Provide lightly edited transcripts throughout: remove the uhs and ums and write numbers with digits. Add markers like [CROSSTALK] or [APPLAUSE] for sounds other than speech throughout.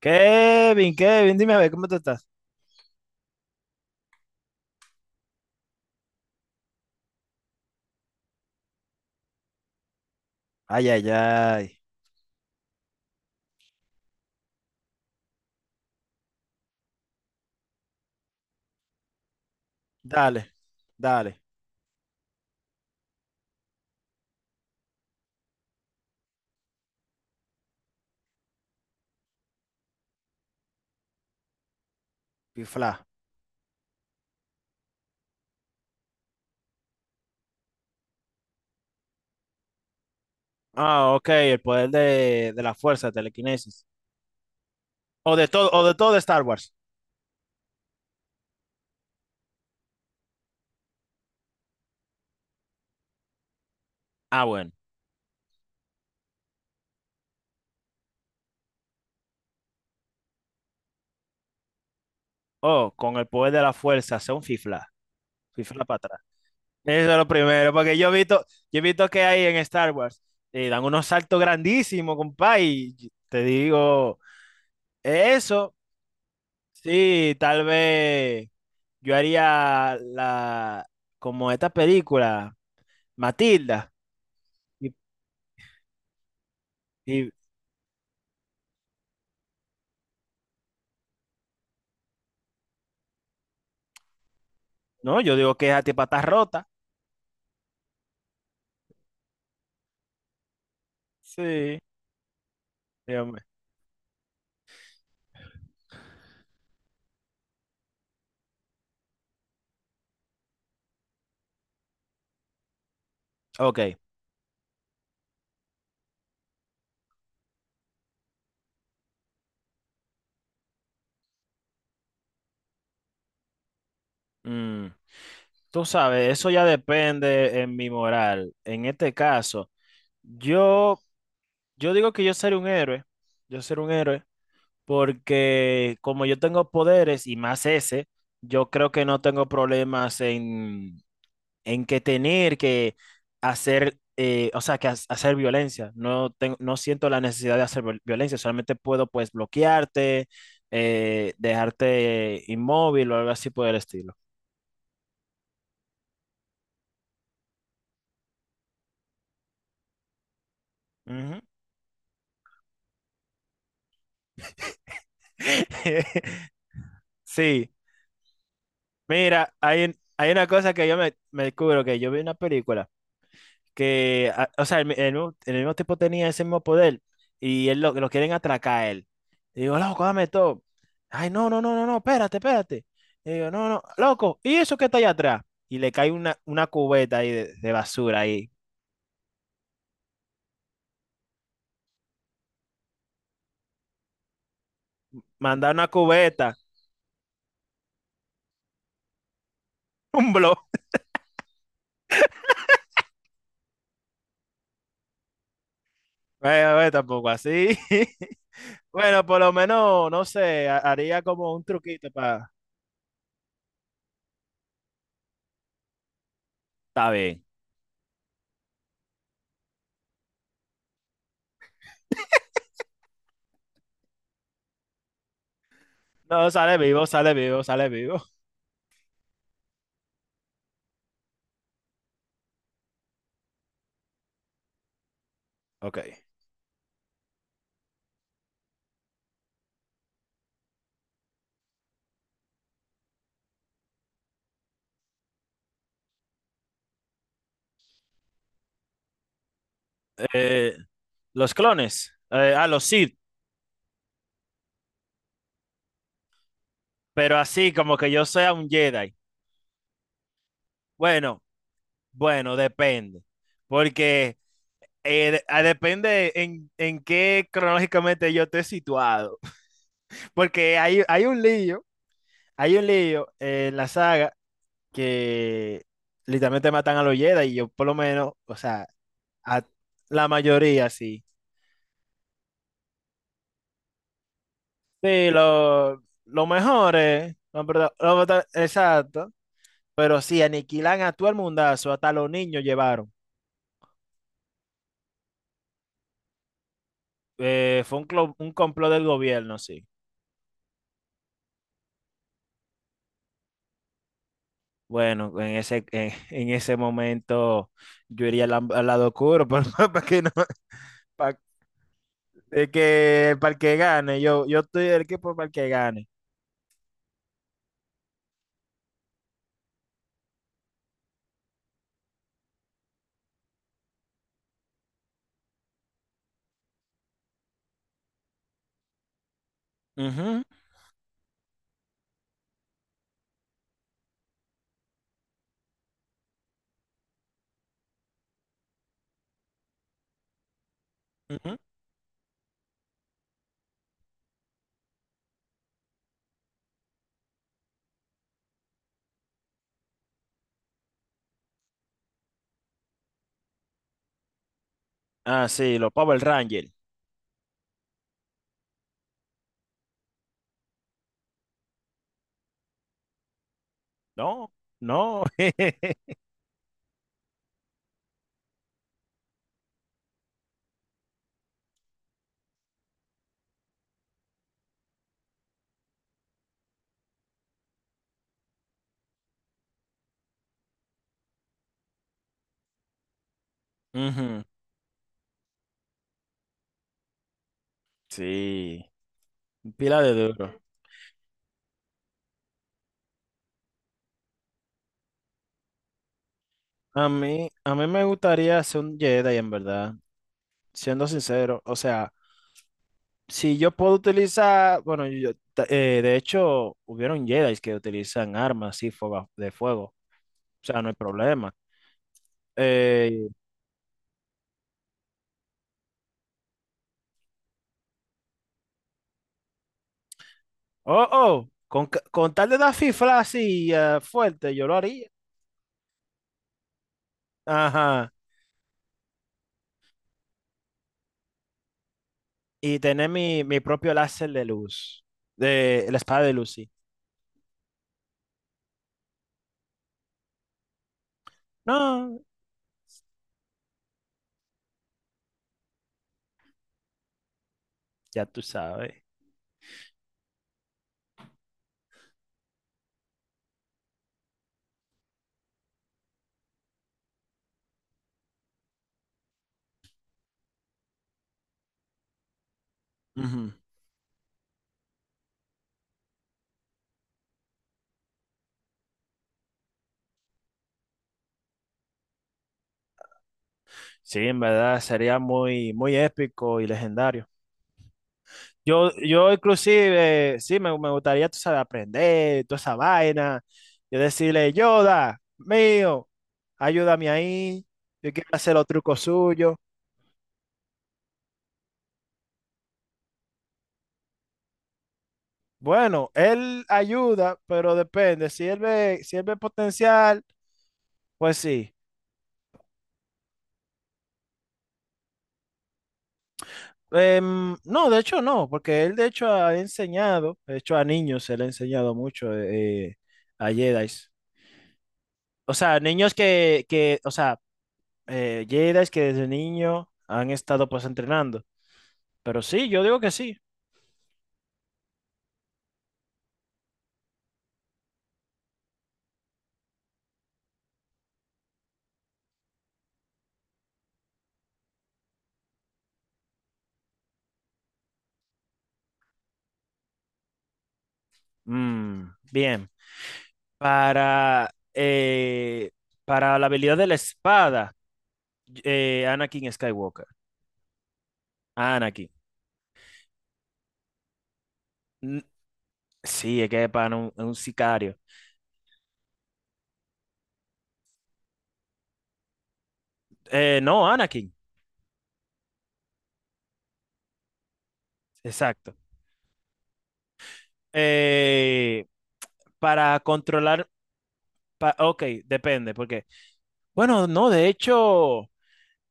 Kevin, Kevin, dime a ver, ¿cómo te estás? Ay, ay, ay. Dale, dale, pifla. Ah, ok, el poder de la fuerza, telequinesis. O de todo de Star Wars. Ah, bueno. Oh, con el poder de la fuerza, hace un fifla. Fifla para atrás. Eso es lo primero, porque yo he visto que hay en Star Wars. Dan unos saltos grandísimos, compa, y te digo, eso, sí, tal vez yo haría la, como esta película. Matilda. Y, y- no, yo digo que es a ti patas rota. Sí, dígame. Ok. mm, Tú sabes, eso ya depende en mi moral. En este caso, yo, yo digo que yo seré un héroe. Yo seré un héroe porque como yo tengo poderes y más ese, yo creo que no tengo problemas en que tener que hacer, o sea, que hacer violencia. No tengo, no siento la necesidad de hacer violencia, solamente puedo pues bloquearte, dejarte inmóvil o algo así por el estilo. Ujú. [LAUGHS] Sí, mira, hay una cosa que yo me descubro, que yo vi una película. Que, o sea, el mismo tipo tenía ese mismo poder y él lo quieren atracar a él. Y digo, loco, dame todo. Ay, no, no, no, no, no, espérate, espérate. Y digo, no, no, loco, ¿y eso que está allá atrás? Y le cae una cubeta ahí de basura ahí. Manda una cubeta, [LAUGHS] un blog. Bueno, tampoco así. [LAUGHS] Bueno, por lo menos, no sé, haría como un truquito para... Está bien. No, sale vivo, sale vivo, sale vivo. Ok. Eh, los clones. Los Sith. Pero así como que yo sea un Jedi. Bueno, bueno, depende. Porque depende en qué cronológicamente yo esté situado. [LAUGHS] Porque hay, hay un lío en la saga que literalmente matan a los Jedi y yo por lo menos, o sea, a la mayoría sí. Sí, lo mejor es, no, perdón, lo- exacto, pero sí, aniquilan a todo el mundazo, hasta los niños llevaron. Fue un, un complot del gobierno, sí. Bueno, en ese, [LAUGHS] en ese momento yo iría al, al lado oscuro [LAUGHS] para que no, para, que, para el que gane. Yo estoy del equipo para el que gane. Ujú, ujú. Ah, sí, los Power Rangers. No, no. [LAUGHS] Ujú, sí, pila de duro. A mí me gustaría ser un Jedi, en verdad, siendo sincero. O sea, si yo puedo utilizar, bueno, de hecho, hubieron Jedi que utilizan armas y fuego, de fuego, o sea, no hay problema. Eh, oh, oh, con, con tal de dar fifla así fuerte, yo lo haría. Ajá, y tener mi, mi propio láser de luz, de la espada de luz, sí. No, ya tú sabes. Ujú. Sí, en verdad sería muy, muy épico y legendario. Yo inclusive, sí, me gustaría, tú sabes, aprender toda esa vaina. Yo decirle, Yoda, mío, ayúdame ahí. Yo quiero hacer los trucos suyos. Bueno, él ayuda, pero depende. Si él ve, si él ve potencial, pues sí. No, de hecho no, porque él de hecho ha enseñado, de hecho a niños se le ha enseñado mucho a Jedi. O sea, niños que o sea, Jedis que desde niño han estado pues entrenando. Pero sí, yo digo que sí. Mm, Bien. Para, eh, para la habilidad de la espada, Anakin Skywalker. Anakin. Mm, Sí, es que es para un sicario. No, Anakin. Exacto. Eh, para controlar. Ok, depende, porque. Bueno, no, de hecho.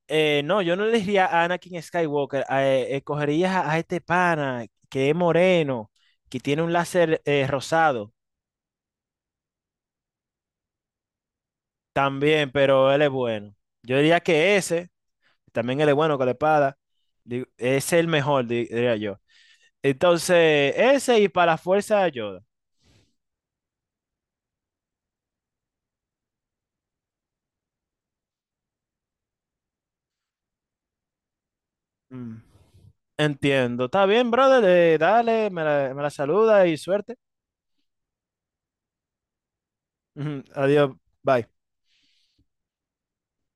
No, yo no le diría a Anakin Skywalker. Escogerías a este pana que es moreno, que tiene un láser rosado. También, pero él es bueno. Yo diría que ese, también él es bueno con la espada, es el mejor, diría yo. Entonces, ese y para la fuerza de Yoda. Mm, Entiendo. Está bien, brother. Dale, me la saluda y suerte. [LAUGHS] Ujú, adiós. Bye.